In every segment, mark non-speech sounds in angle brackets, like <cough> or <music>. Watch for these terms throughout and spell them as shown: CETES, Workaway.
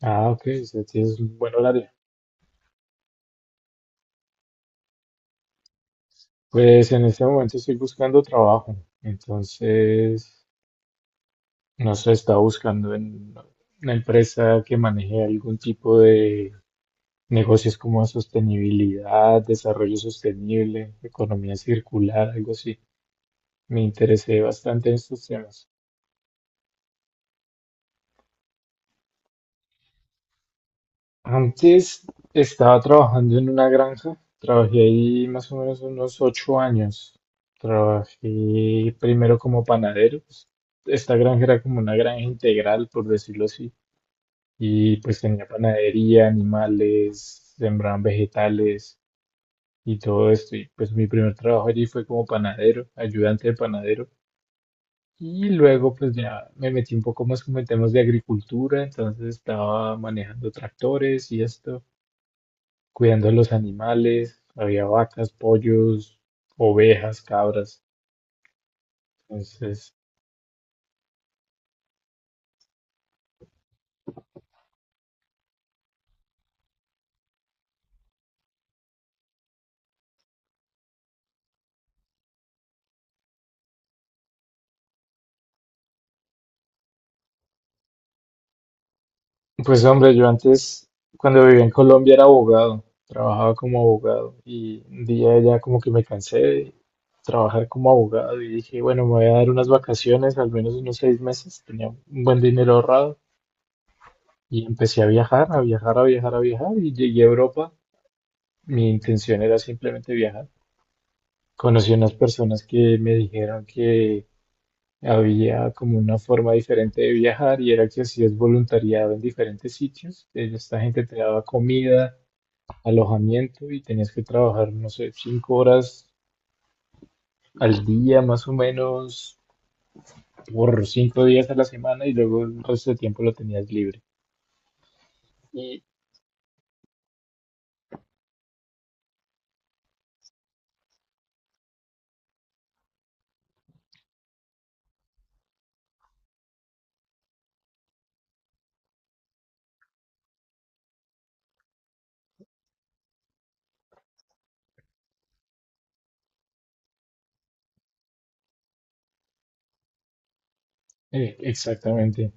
Ah, ok, usted tiene un buen horario. Pues en este momento estoy buscando trabajo, entonces, no sé, está buscando en una empresa que maneje algún tipo de negocios como sostenibilidad, desarrollo sostenible, economía circular, algo así. Me interesé bastante en estos temas. Antes estaba trabajando en una granja, trabajé ahí más o menos unos 8 años. Trabajé primero como panadero, pues. Esta granja era como una granja integral, por decirlo así. Y pues tenía panadería, animales, sembraban vegetales y todo esto. Y pues mi primer trabajo allí fue como panadero, ayudante de panadero. Y luego pues ya me metí un poco más como en temas de agricultura, entonces estaba manejando tractores y esto, cuidando a los animales, había vacas, pollos, ovejas, cabras. Entonces, pues hombre, yo antes, cuando vivía en Colombia, era abogado, trabajaba como abogado y un día ya como que me cansé de trabajar como abogado y dije, bueno, me voy a dar unas vacaciones, al menos unos 6 meses, tenía un buen dinero ahorrado y empecé a viajar, a viajar, a viajar, a viajar y llegué a Europa. Mi intención era simplemente viajar. Conocí unas personas que me dijeron que había como una forma diferente de viajar y era que hacías voluntariado en diferentes sitios. Esta gente te daba comida, alojamiento y tenías que trabajar, no sé, 5 horas al día más o menos por 5 días a la semana y luego el resto del tiempo lo tenías libre. Y exactamente.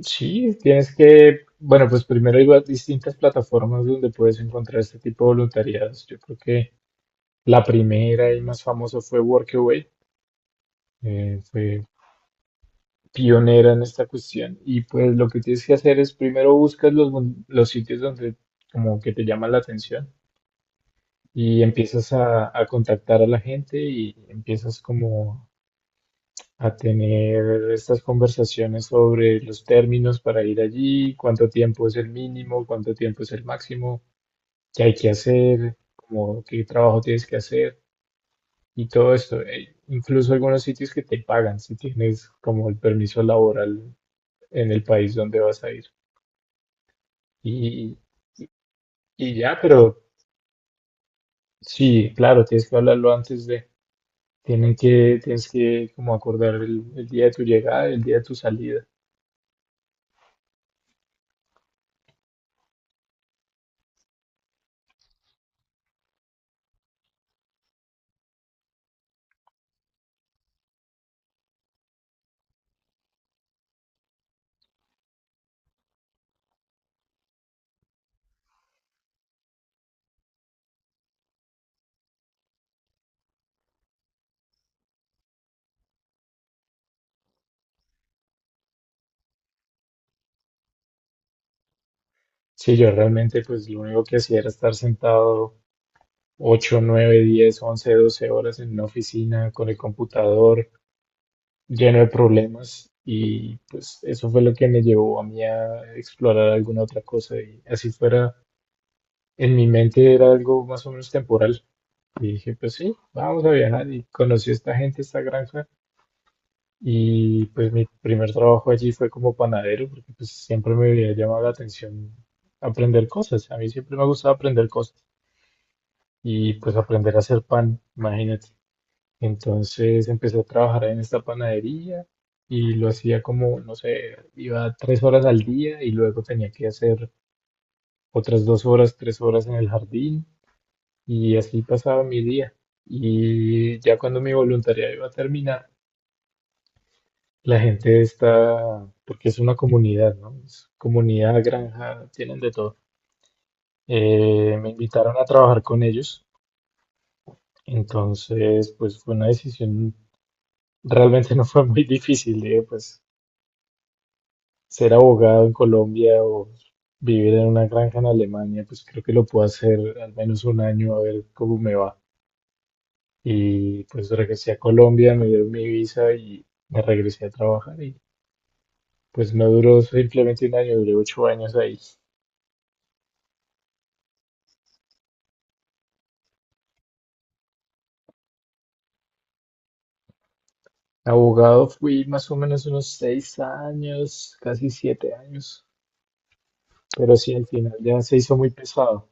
Sí, tienes que, bueno, pues primero hay distintas plataformas donde puedes encontrar este tipo de voluntariados. Yo creo que la primera y más famosa fue Workaway. Fue pionera en esta cuestión. Y pues lo que tienes que hacer es primero buscas los sitios donde como que te llaman la atención y empiezas a contactar a la gente y empiezas como a tener estas conversaciones sobre los términos para ir allí, cuánto tiempo es el mínimo, cuánto tiempo es el máximo, qué hay que hacer, como qué trabajo tienes que hacer y todo esto. Incluso algunos sitios que te pagan si tienes como el permiso laboral en el país donde vas a ir. Y, y ya, pero sí, claro, tienes que hablarlo antes de. Tienes que como acordar el día de tu llegada y el día de tu salida. Sí, yo realmente pues lo único que hacía era estar sentado 8, 9, 10, 11, 12 horas en una oficina con el computador lleno de problemas y pues eso fue lo que me llevó a mí a explorar alguna otra cosa y así fuera, en mi mente era algo más o menos temporal. Y dije, pues sí, vamos a viajar y conocí a esta gente, esta granja. Y pues mi primer trabajo allí fue como panadero, porque pues siempre me había llamado la atención aprender cosas. A mí siempre me gustaba aprender cosas y pues aprender a hacer pan, imagínate. Entonces empecé a trabajar en esta panadería y lo hacía como, no sé, iba 3 horas al día y luego tenía que hacer otras 2 horas, 3 horas en el jardín y así pasaba mi día. Y ya cuando mi voluntariado iba a terminar, la gente está, porque es una comunidad, ¿no? Es comunidad, granja, tienen de todo. Me invitaron a trabajar con ellos, entonces pues fue una decisión, realmente <laughs> no fue muy difícil, digo, pues ser abogado en Colombia o vivir en una granja en Alemania, pues creo que lo puedo hacer al menos un año a ver cómo me va. Y pues regresé a Colombia, me dieron mi visa y me regresé a trabajar y pues no duró simplemente un año, duré 8 años ahí. Abogado fui más o menos unos 6 años, casi 7 años, pero sí, al final ya se hizo muy pesado.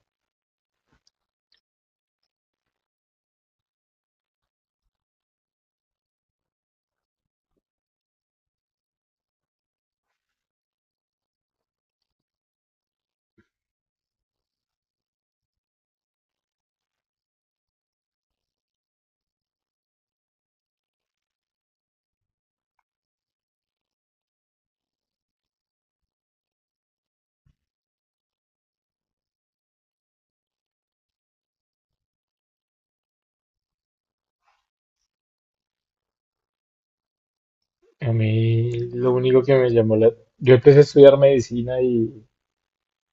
A mí lo único que me llamó la... Yo empecé a estudiar medicina y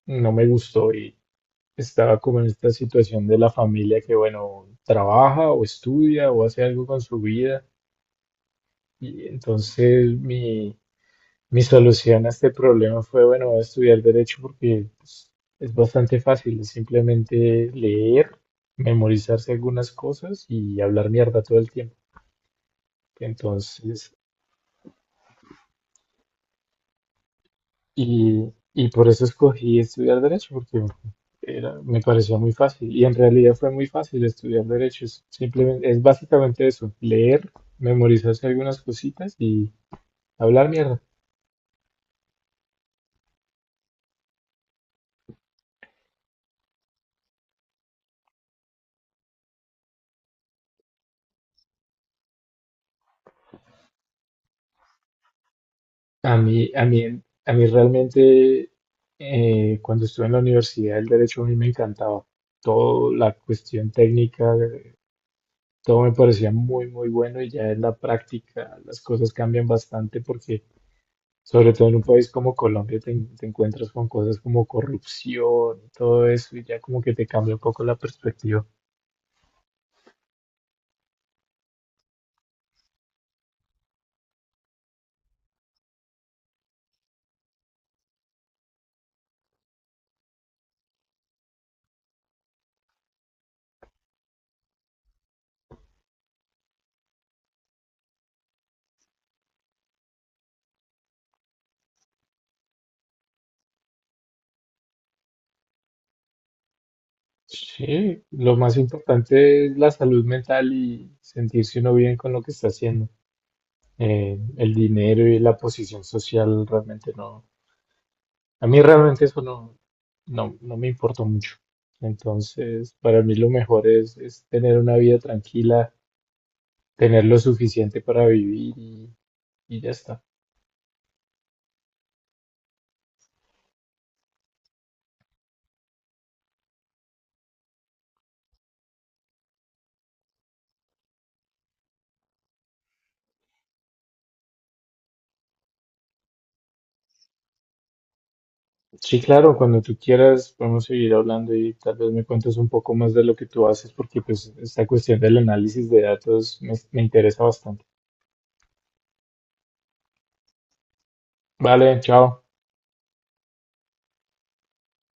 no me gustó y estaba como en esta situación de la familia que, bueno, trabaja o estudia o hace algo con su vida. Y entonces mi solución a este problema fue, bueno, voy a estudiar derecho porque pues, es bastante fácil, es simplemente leer, memorizarse algunas cosas y hablar mierda todo el tiempo. Entonces, y, y por eso escogí estudiar derecho, porque era, me parecía muy fácil. Y en realidad fue muy fácil estudiar derecho, es simplemente, es básicamente eso, leer, memorizarse algunas cositas y hablar mierda. A mí, a mí, a mí realmente, cuando estuve en la universidad, el derecho a mí me encantaba. Toda la cuestión técnica, todo me parecía muy, muy bueno y ya en la práctica las cosas cambian bastante porque, sobre todo en un país como Colombia, te encuentras con cosas como corrupción y todo eso y ya como que te cambia un poco la perspectiva. Sí, lo más importante es la salud mental y sentirse uno bien con lo que está haciendo. El dinero y la posición social realmente no, a mí realmente eso no, no, no me importa mucho. Entonces, para mí lo mejor es, tener una vida tranquila, tener lo suficiente para vivir y ya está. Sí, claro, cuando tú quieras podemos seguir hablando y tal vez me cuentes un poco más de lo que tú haces porque pues esta cuestión del análisis de datos me interesa bastante. Vale, chao.